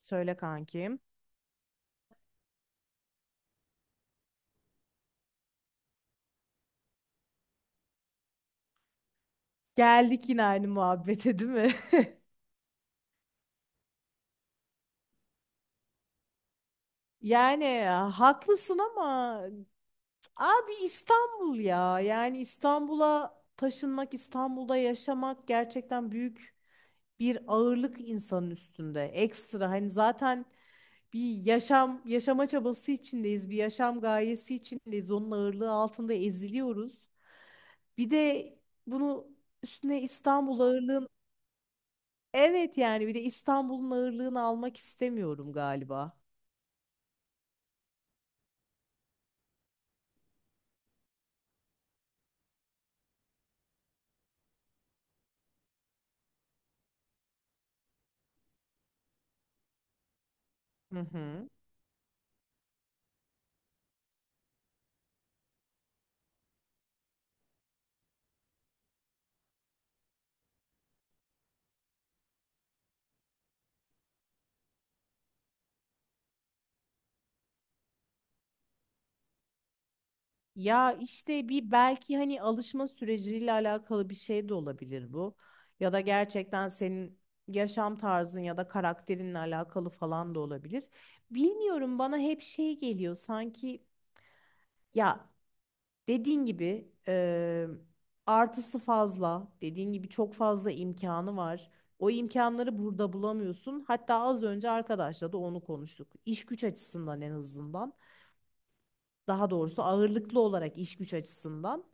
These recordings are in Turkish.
Söyle kankim. Geldik yine aynı muhabbete değil mi? Yani ya, haklısın ama abi, İstanbul ya. Yani İstanbul'a taşınmak, İstanbul'da yaşamak gerçekten büyük bir ağırlık insanın üstünde. Ekstra hani zaten bir yaşam yaşama çabası içindeyiz, bir yaşam gayesi içindeyiz. Onun ağırlığı altında eziliyoruz. Bir de bunu üstüne İstanbul ağırlığın... Evet, yani bir de İstanbul'un ağırlığını almak istemiyorum galiba. Hı hı. Ya işte bir, belki hani alışma süreciyle alakalı bir şey de olabilir bu. Ya da gerçekten senin yaşam tarzın ya da karakterinle alakalı falan da olabilir. Bilmiyorum, bana hep şey geliyor sanki ya. Dediğin gibi artısı fazla. Dediğin gibi çok fazla imkanı var. O imkanları burada bulamıyorsun. Hatta az önce arkadaşla da onu konuştuk. İş güç açısından, en azından. Daha doğrusu ağırlıklı olarak iş güç açısından.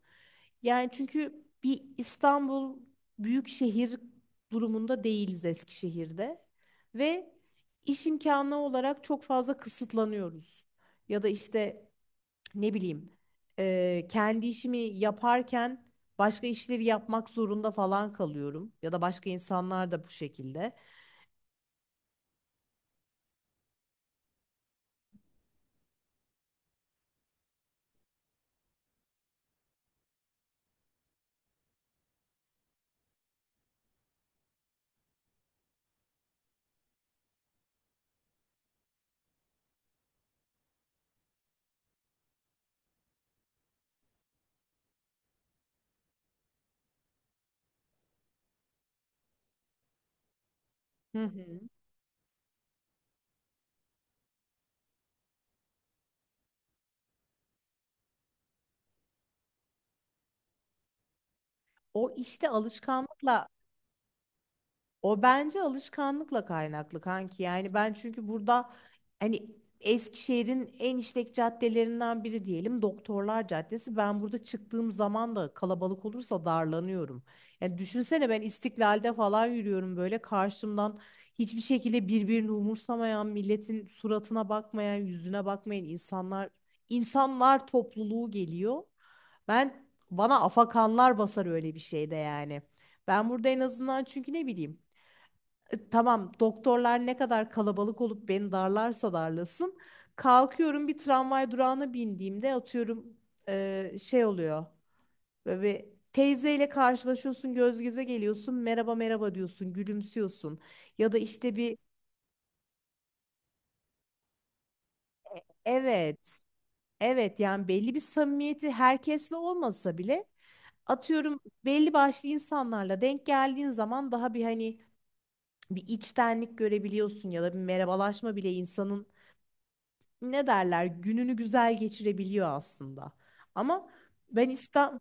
Yani çünkü bir İstanbul büyük şehir durumunda değiliz Eskişehir'de. Ve iş imkanı olarak çok fazla kısıtlanıyoruz. Ya da işte ne bileyim, kendi işimi yaparken başka işleri yapmak zorunda falan kalıyorum, ya da başka insanlar da bu şekilde. Hı hı. O işte alışkanlıkla O bence alışkanlıkla kaynaklı kanki. Yani ben çünkü burada hani, Eskişehir'in en işlek caddelerinden biri diyelim, Doktorlar Caddesi. Ben burada çıktığım zaman da kalabalık olursa darlanıyorum. Yani düşünsene, ben İstiklal'de falan yürüyorum, böyle karşımdan hiçbir şekilde birbirini umursamayan, milletin suratına bakmayan, yüzüne bakmayan insanlar topluluğu geliyor. Ben Bana afakanlar basar öyle bir şeyde yani. Ben burada en azından, çünkü ne bileyim, tamam doktorlar ne kadar kalabalık olup beni darlarsa darlasın. Kalkıyorum, bir tramvay durağına bindiğimde atıyorum şey oluyor. Böyle bir teyzeyle karşılaşıyorsun, göz göze geliyorsun, merhaba merhaba diyorsun, gülümsüyorsun. Ya da işte bir, evet, evet, yani belli bir samimiyeti, herkesle olmasa bile atıyorum belli başlı insanlarla denk geldiğin zaman, daha bir hani bir içtenlik görebiliyorsun. Ya da bir merhabalaşma bile insanın ne derler, gününü güzel geçirebiliyor aslında. Ama ben İstanbul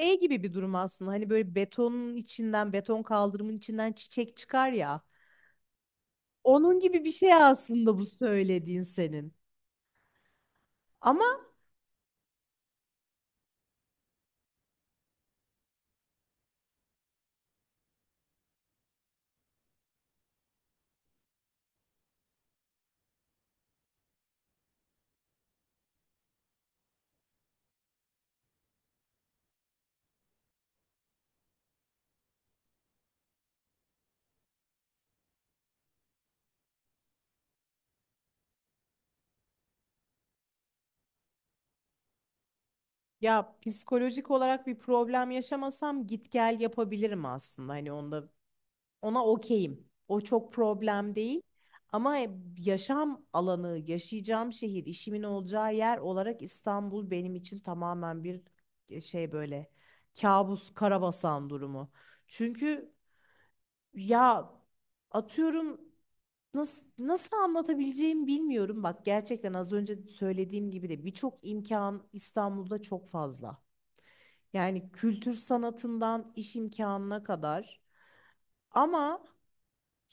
şey gibi bir durum aslında. Hani böyle betonun içinden, beton kaldırımın içinden çiçek çıkar ya. Onun gibi bir şey aslında bu söylediğin senin. Ama ya, psikolojik olarak bir problem yaşamasam git gel yapabilirim aslında. Hani ona okeyim. O çok problem değil. Ama yaşam alanı, yaşayacağım şehir, işimin olacağı yer olarak İstanbul benim için tamamen bir şey, böyle kabus, karabasan durumu. Çünkü ya, atıyorum, nasıl anlatabileceğimi bilmiyorum. Bak, gerçekten az önce söylediğim gibi de birçok imkan İstanbul'da çok fazla. Yani kültür sanatından iş imkanına kadar. Ama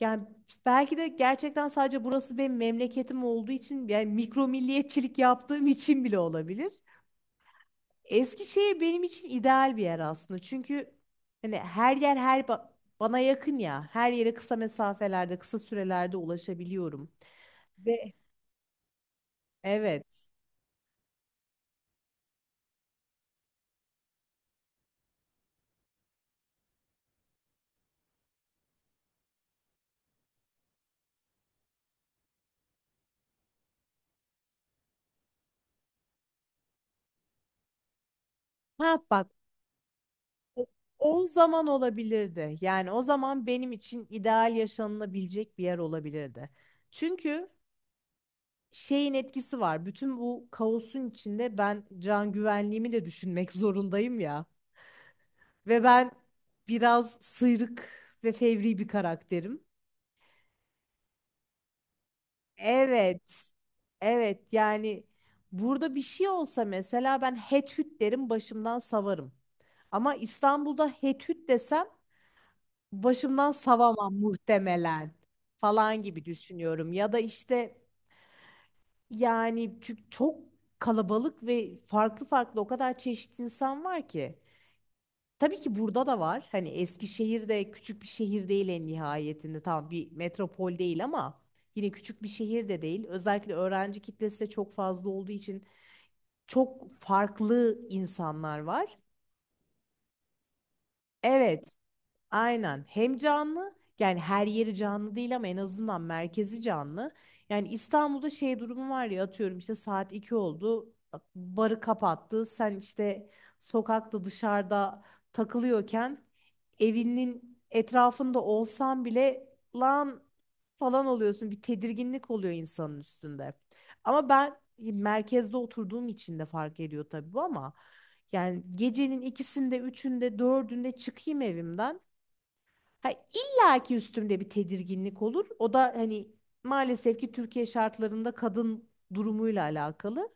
yani belki de gerçekten sadece burası benim memleketim olduğu için, yani mikro milliyetçilik yaptığım için bile olabilir. Eskişehir benim için ideal bir yer aslında. Çünkü hani her yer, her bana yakın ya. Her yere kısa mesafelerde, kısa sürelerde ulaşabiliyorum. Ve Evet. Ha bak, o o zaman olabilirdi. Yani o zaman benim için ideal yaşanılabilecek bir yer olabilirdi. Çünkü şeyin etkisi var. Bütün bu kaosun içinde ben can güvenliğimi de düşünmek zorundayım ya. Ve ben biraz sıyrık ve fevri bir karakterim. Evet. Evet, yani burada bir şey olsa mesela, ben het hüt derim, başımdan savarım. Ama İstanbul'da het hüt desem başımdan savamam muhtemelen, falan gibi düşünüyorum. Ya da işte Yani çünkü çok kalabalık ve farklı farklı, o kadar çeşitli insan var ki. Tabii ki burada da var. Hani Eskişehir de küçük bir şehir değil en nihayetinde. Tamam, bir metropol değil ama yine küçük bir şehir de değil. Özellikle öğrenci kitlesi de çok fazla olduğu için çok farklı insanlar var. Evet, aynen. Hem canlı, yani her yeri canlı değil ama en azından merkezi canlı. Yani İstanbul'da şey durumu var ya, atıyorum işte saat 2 oldu, bak barı kapattı. Sen işte sokakta, dışarıda takılıyorken, evinin etrafında olsan bile, lan falan oluyorsun. Bir tedirginlik oluyor insanın üstünde. Ama ben merkezde oturduğum için de fark ediyor tabii bu, ama yani gecenin ikisinde, üçünde, dördünde çıkayım evimden, ha, illa ki üstümde bir tedirginlik olur. O da hani maalesef ki Türkiye şartlarında kadın durumuyla alakalı.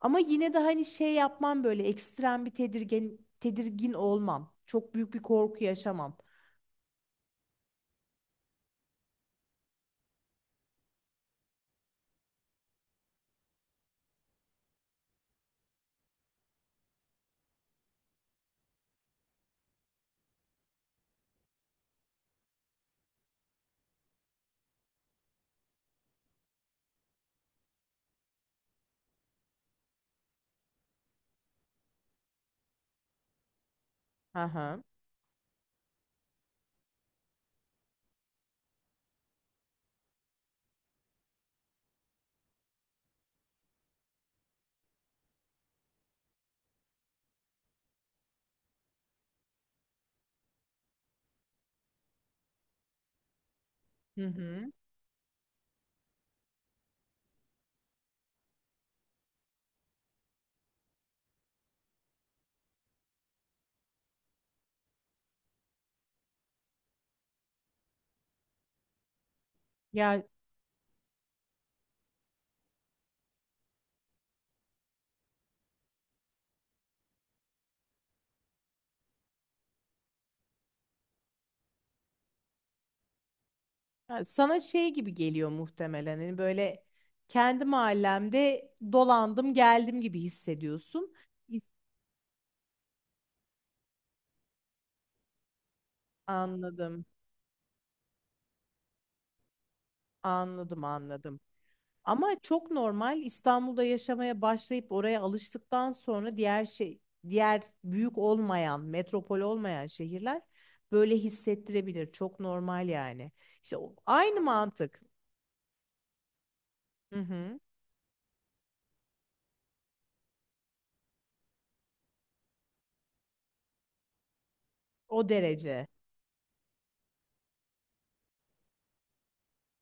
Ama yine de hani şey yapmam, böyle ekstrem bir tedirgin tedirgin olmam. Çok büyük bir korku yaşamam. Aha. Hı hı. Ya ha, sana şey gibi geliyor muhtemelen. Hani böyle kendi mahallemde dolandım geldim gibi hissediyorsun. His- Anladım. Anladım, anladım. Ama çok normal. İstanbul'da yaşamaya başlayıp oraya alıştıktan sonra diğer diğer büyük olmayan, metropol olmayan şehirler böyle hissettirebilir. Çok normal yani. İşte aynı mantık. Hı hı. O derece.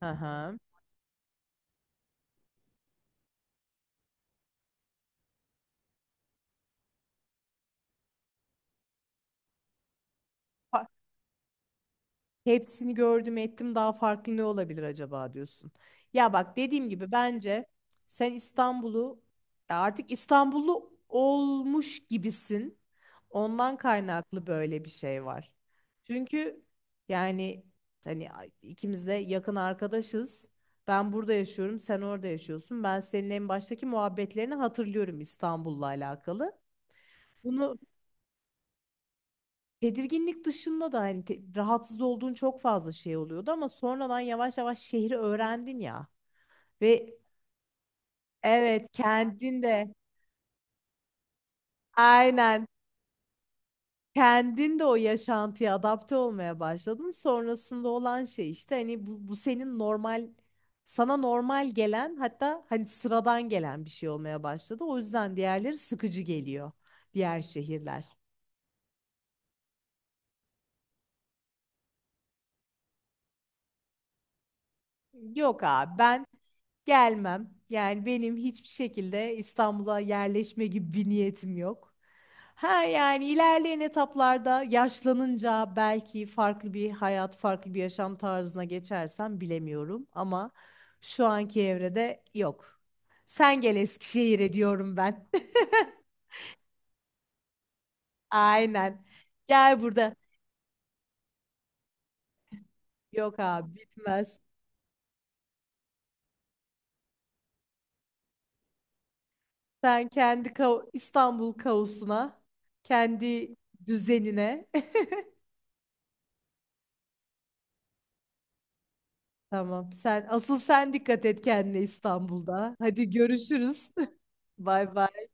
Hı hı. Hepsini gördüm ettim, daha farklı ne olabilir acaba diyorsun. Ya bak, dediğim gibi bence sen İstanbul'u, ya artık İstanbullu olmuş gibisin. Ondan kaynaklı böyle bir şey var. Çünkü yani hani ikimiz de yakın arkadaşız. Ben burada yaşıyorum, sen orada yaşıyorsun. Ben senin en baştaki muhabbetlerini hatırlıyorum İstanbul'la alakalı. Bunu Tedirginlik dışında da hani rahatsız olduğun çok fazla şey oluyordu, ama sonradan yavaş yavaş şehri öğrendin ya ve evet, kendin de, aynen, kendin de o yaşantıya adapte olmaya başladın. Sonrasında olan şey işte hani bu senin normal sana normal gelen, hatta hani sıradan gelen bir şey olmaya başladı. O yüzden diğerleri sıkıcı geliyor, diğer şehirler. Yok abi, ben gelmem. Yani benim hiçbir şekilde İstanbul'a yerleşme gibi bir niyetim yok. Ha yani ilerleyen etaplarda, yaşlanınca, belki farklı bir hayat, farklı bir yaşam tarzına geçersem bilemiyorum ama şu anki evrede yok. Sen gel Eskişehir'e diyorum ben. Aynen. Gel burada. Yok abi, bitmez. Sen kendi İstanbul kaosuna, kendi düzenine. Tamam. Sen, asıl sen dikkat et kendine İstanbul'da. Hadi görüşürüz. Bay bay.